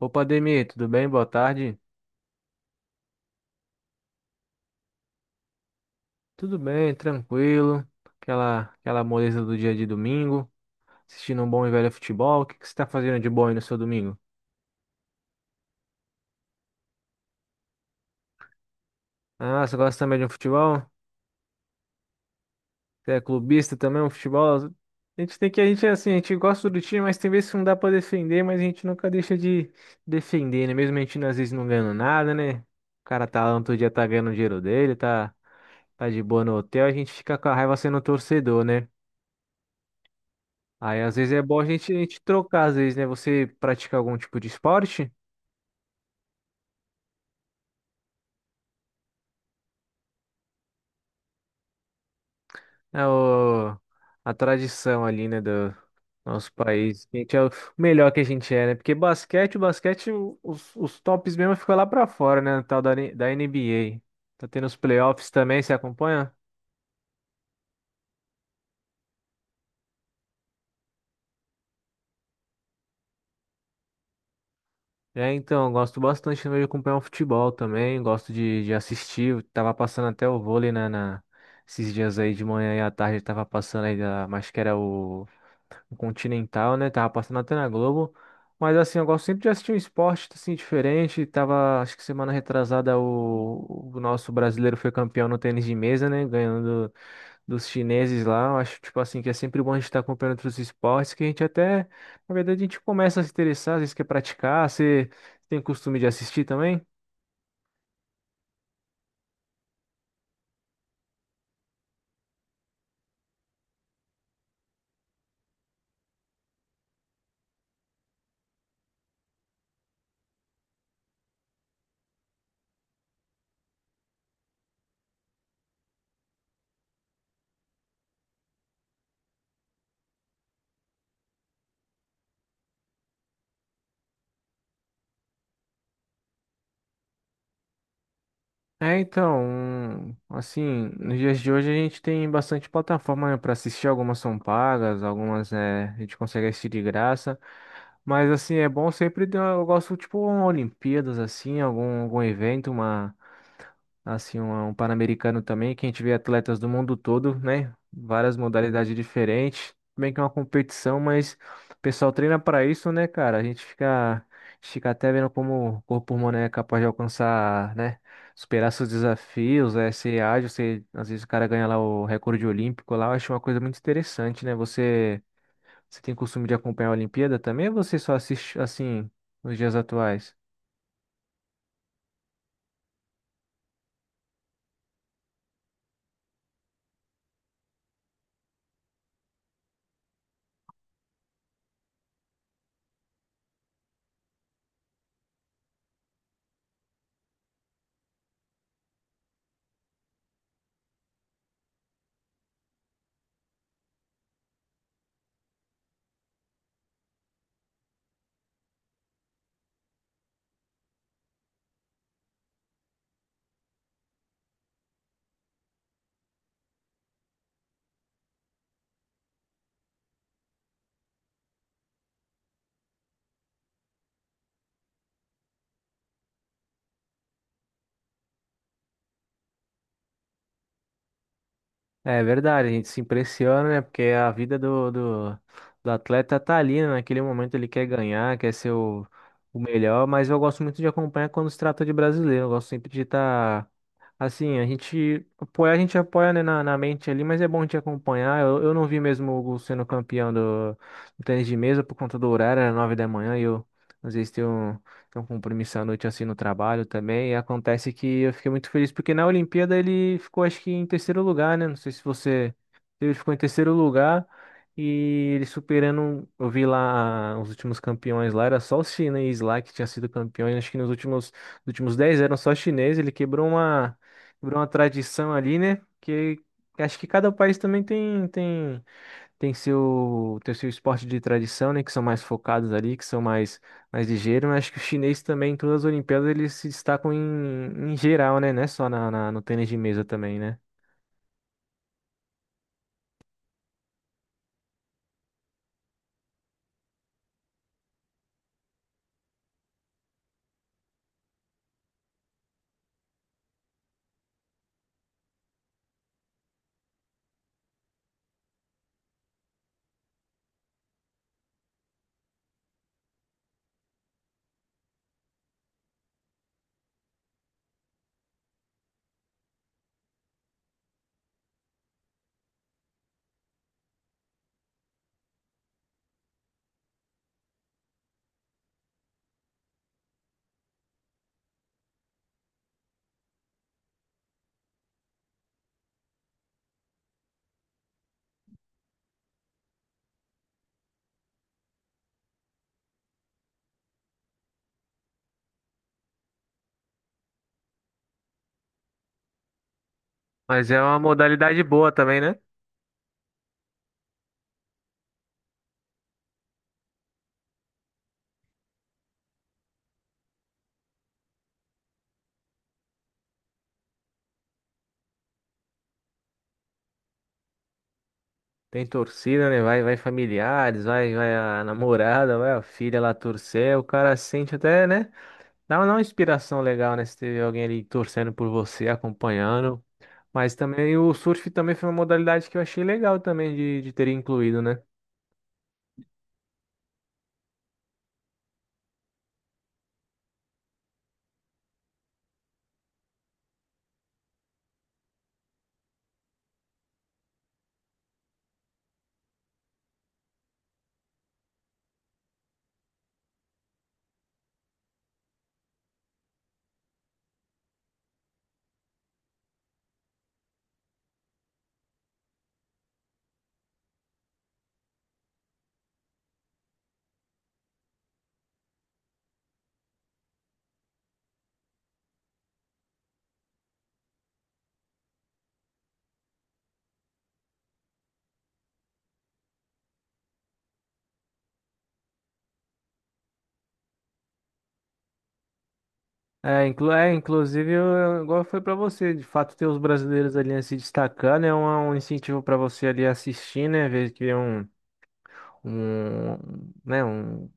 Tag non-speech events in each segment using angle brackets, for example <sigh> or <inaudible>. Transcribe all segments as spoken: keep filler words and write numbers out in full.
Opa, Ademir, tudo bem? Boa tarde. Tudo bem, tranquilo. Aquela, aquela moleza do dia de domingo. Assistindo um bom e velho futebol. O que que você está fazendo de bom aí no seu domingo? Ah, você gosta também de um futebol? Você é clubista também, um futebol? A gente tem que, a gente é assim, a gente gosta do time, mas tem vezes que não dá pra defender, mas a gente nunca deixa de defender, né? Mesmo a gente às vezes não ganhando nada, né? O cara tá lá, no outro dia tá ganhando o dinheiro dele, tá, tá de boa no hotel, a gente fica com a raiva sendo torcedor, né? Aí às vezes é bom a gente, a gente trocar, às vezes, né? Você pratica algum tipo de esporte? É o, a tradição ali, né, do nosso país. A gente é o melhor que a gente é, né? Porque basquete, o basquete, o- os, os tops mesmo ficam lá pra fora, né? No Tal da, N- da N B A. Tá tendo os playoffs também, você acompanha? É, então, eu gosto bastante também de acompanhar o futebol também, gosto de, de assistir. Tava passando até o vôlei na, na- esses dias aí de manhã e à tarde, tava passando aí, da, acho que era o. O Continental, né? Tava passando até na Globo. Mas assim, eu gosto sempre de assistir um esporte assim diferente. Tava, acho que semana retrasada o, o nosso brasileiro foi campeão no tênis de mesa, né? Ganhando dos chineses lá. Eu acho tipo assim que é sempre bom a gente estar acompanhando outros esportes que a gente até, na verdade, a gente começa a se interessar, às vezes quer praticar. Você tem costume de assistir também? É, então, assim, nos dias de hoje a gente tem bastante plataforma, né, para assistir, algumas são pagas, algumas é, a gente consegue assistir de graça, mas assim, é bom sempre, ter- eu gosto, tipo, uma Olimpíadas, assim, algum, algum evento, uma, assim, um, um Pan-Americano também, que a gente vê atletas do mundo todo, né? Várias modalidades diferentes. Tudo bem que é uma competição, mas o pessoal treina para isso, né, cara? A gente fica, a gente fica até vendo como o corpo humano é capaz de alcançar, né? Superar seus desafios, é, ser ágil, ser, às vezes o cara ganha lá o recorde olímpico lá, eu acho uma coisa muito interessante, né? Você, você tem costume de acompanhar a Olimpíada também ou você só assiste assim nos dias atuais? É verdade, a gente se impressiona, né? Porque a vida do, do, do atleta tá ali, né? Naquele momento ele quer ganhar, quer ser o, o melhor, mas eu gosto muito de acompanhar quando se trata de brasileiro. Eu gosto sempre de estar. Assim, a gente apoia, a gente apoia, né, na, na mente ali, mas é bom te acompanhar. Eu, eu não vi mesmo o Hugo sendo campeão do, do tênis de mesa por conta do horário, era nove da manhã, e eu às vezes tenho. Tem um compromisso à noite assim no trabalho também. E acontece que eu fiquei muito feliz porque na Olimpíada ele ficou, acho que, em terceiro lugar, né? Não sei se você. Ele ficou em terceiro lugar e ele superando. Eu vi lá ah, os últimos campeões lá, era só os chineses lá que tinham sido campeões. Acho que nos últimos, nos últimos dez eram só chineses. Ele quebrou uma, quebrou uma tradição ali, né? Que acho que cada país também tem, tem. Tem seu, tem seu esporte de tradição, né? Que são mais focados ali, que são mais, mais ligeiros. Mas acho que o chinês também, em todas as Olimpíadas, eles se destacam em, em geral, né? Não é só na, na- no tênis de mesa também, né? Mas é uma modalidade boa também, né? Tem torcida, né? Vai, vai familiares, vai, vai a namorada, vai a filha lá torcer. O cara sente até, né? Dá uma, dá uma inspiração legal, né? Se teve alguém ali torcendo por você, acompanhando. Mas também o surf também foi uma modalidade que eu achei legal também de, de ter incluído, né? É, inclu é, inclusive, eu, eu- igual foi para você, de fato, ter os brasileiros ali se destacando é um, é um incentivo para você ali assistir, né, ver que é um, um, né, um,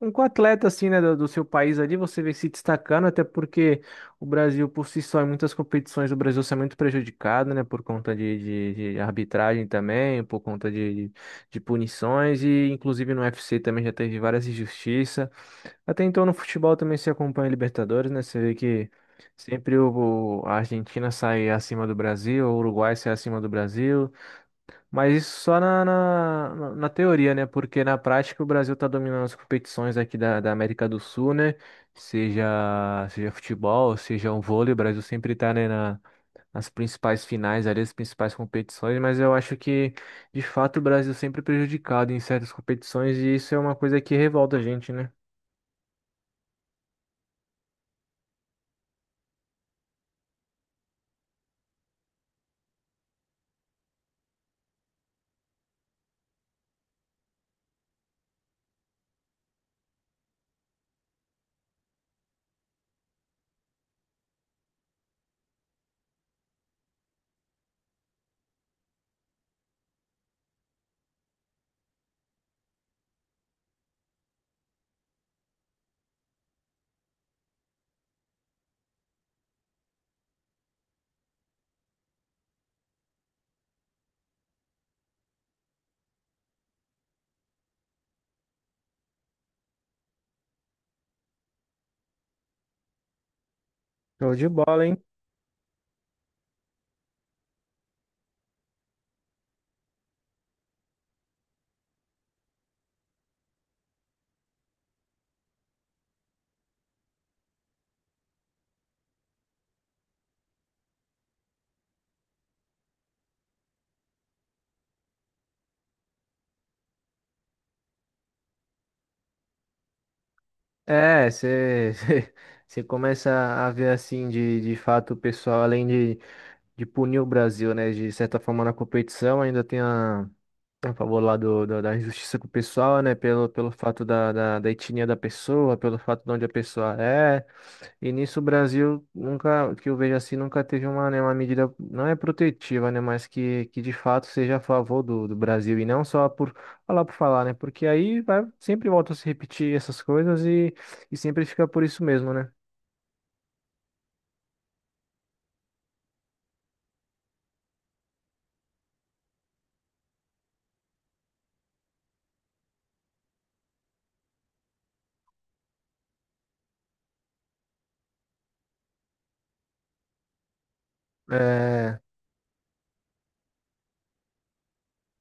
um atleta, assim, né, do, do seu país ali, você vê se destacando, até porque o Brasil, por si só, em muitas competições, o Brasil é muito prejudicado, né, por conta de, de, de arbitragem também, por conta de, de, de punições, e inclusive no U F C também já teve várias injustiças, até então no futebol também se acompanha Libertadores, né? Você vê que sempre o, o- a Argentina sai acima do Brasil, o Uruguai sai acima do Brasil, mas isso só na, na, na- na teoria, né? Porque na prática o Brasil tá dominando as competições aqui da, da América do Sul, né? Seja, seja futebol, seja um vôlei, o Brasil sempre tá, né, na, nas principais finais ali, as principais competições, mas eu acho que, de fato, o Brasil sempre é prejudicado em certas competições e isso é uma coisa que revolta a gente, né? Show de bola, hein? É, você <laughs> você começa a ver assim de, de fato o pessoal, além de, de punir o Brasil, né? De certa forma na competição, ainda tem a, a favor lá do, do- da injustiça com o pessoal, né? Pelo, pelo fato da, da, da etnia da pessoa, pelo fato de onde a pessoa é. E nisso o Brasil nunca, que eu vejo assim, nunca teve uma, né, uma medida, não é protetiva, né, mas que, que de fato seja a favor do, do Brasil e não só por falar por falar, né, porque aí vai, sempre volta a se repetir essas coisas e, e sempre fica por isso mesmo, né. É,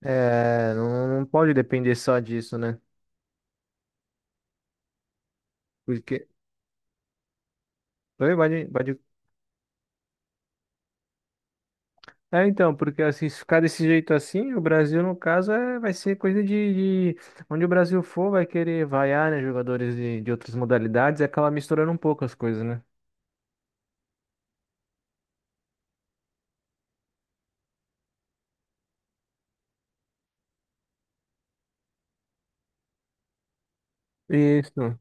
é, não, não pode depender só disso, né, porque... Oi, pode, pode É, então, porque assim, se ficar desse jeito assim, o Brasil, no caso, é, vai ser coisa de, de- onde o Brasil for, vai querer vaiar, né, jogadores de, de outras modalidades e acaba misturando um pouco as coisas, né? Isso.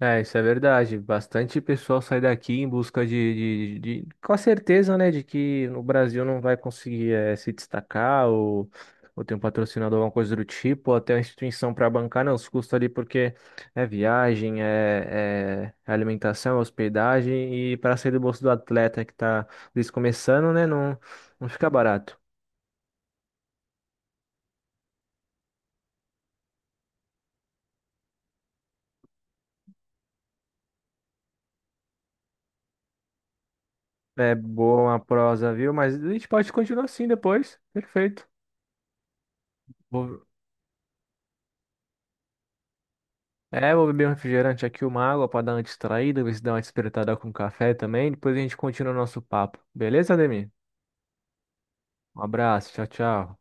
É, isso é verdade. Bastante pessoal sai daqui em busca de, de, de- de- com a certeza, né, de que no Brasil não vai conseguir eh, se destacar ou, ou ter um patrocinador, alguma coisa do tipo, ou até uma instituição para bancar, não, os custos ali, porque é viagem, é, é alimentação, é hospedagem, e para sair do bolso do atleta que está começando, né, não, não fica barato. É boa a prosa, viu? Mas a gente pode continuar assim depois. Perfeito. Vou- É, vou beber um refrigerante aqui, uma água para dar uma distraída, ver se dá uma despertada com café também. Depois a gente continua o nosso papo. Beleza, Ademir? Um abraço, tchau, tchau.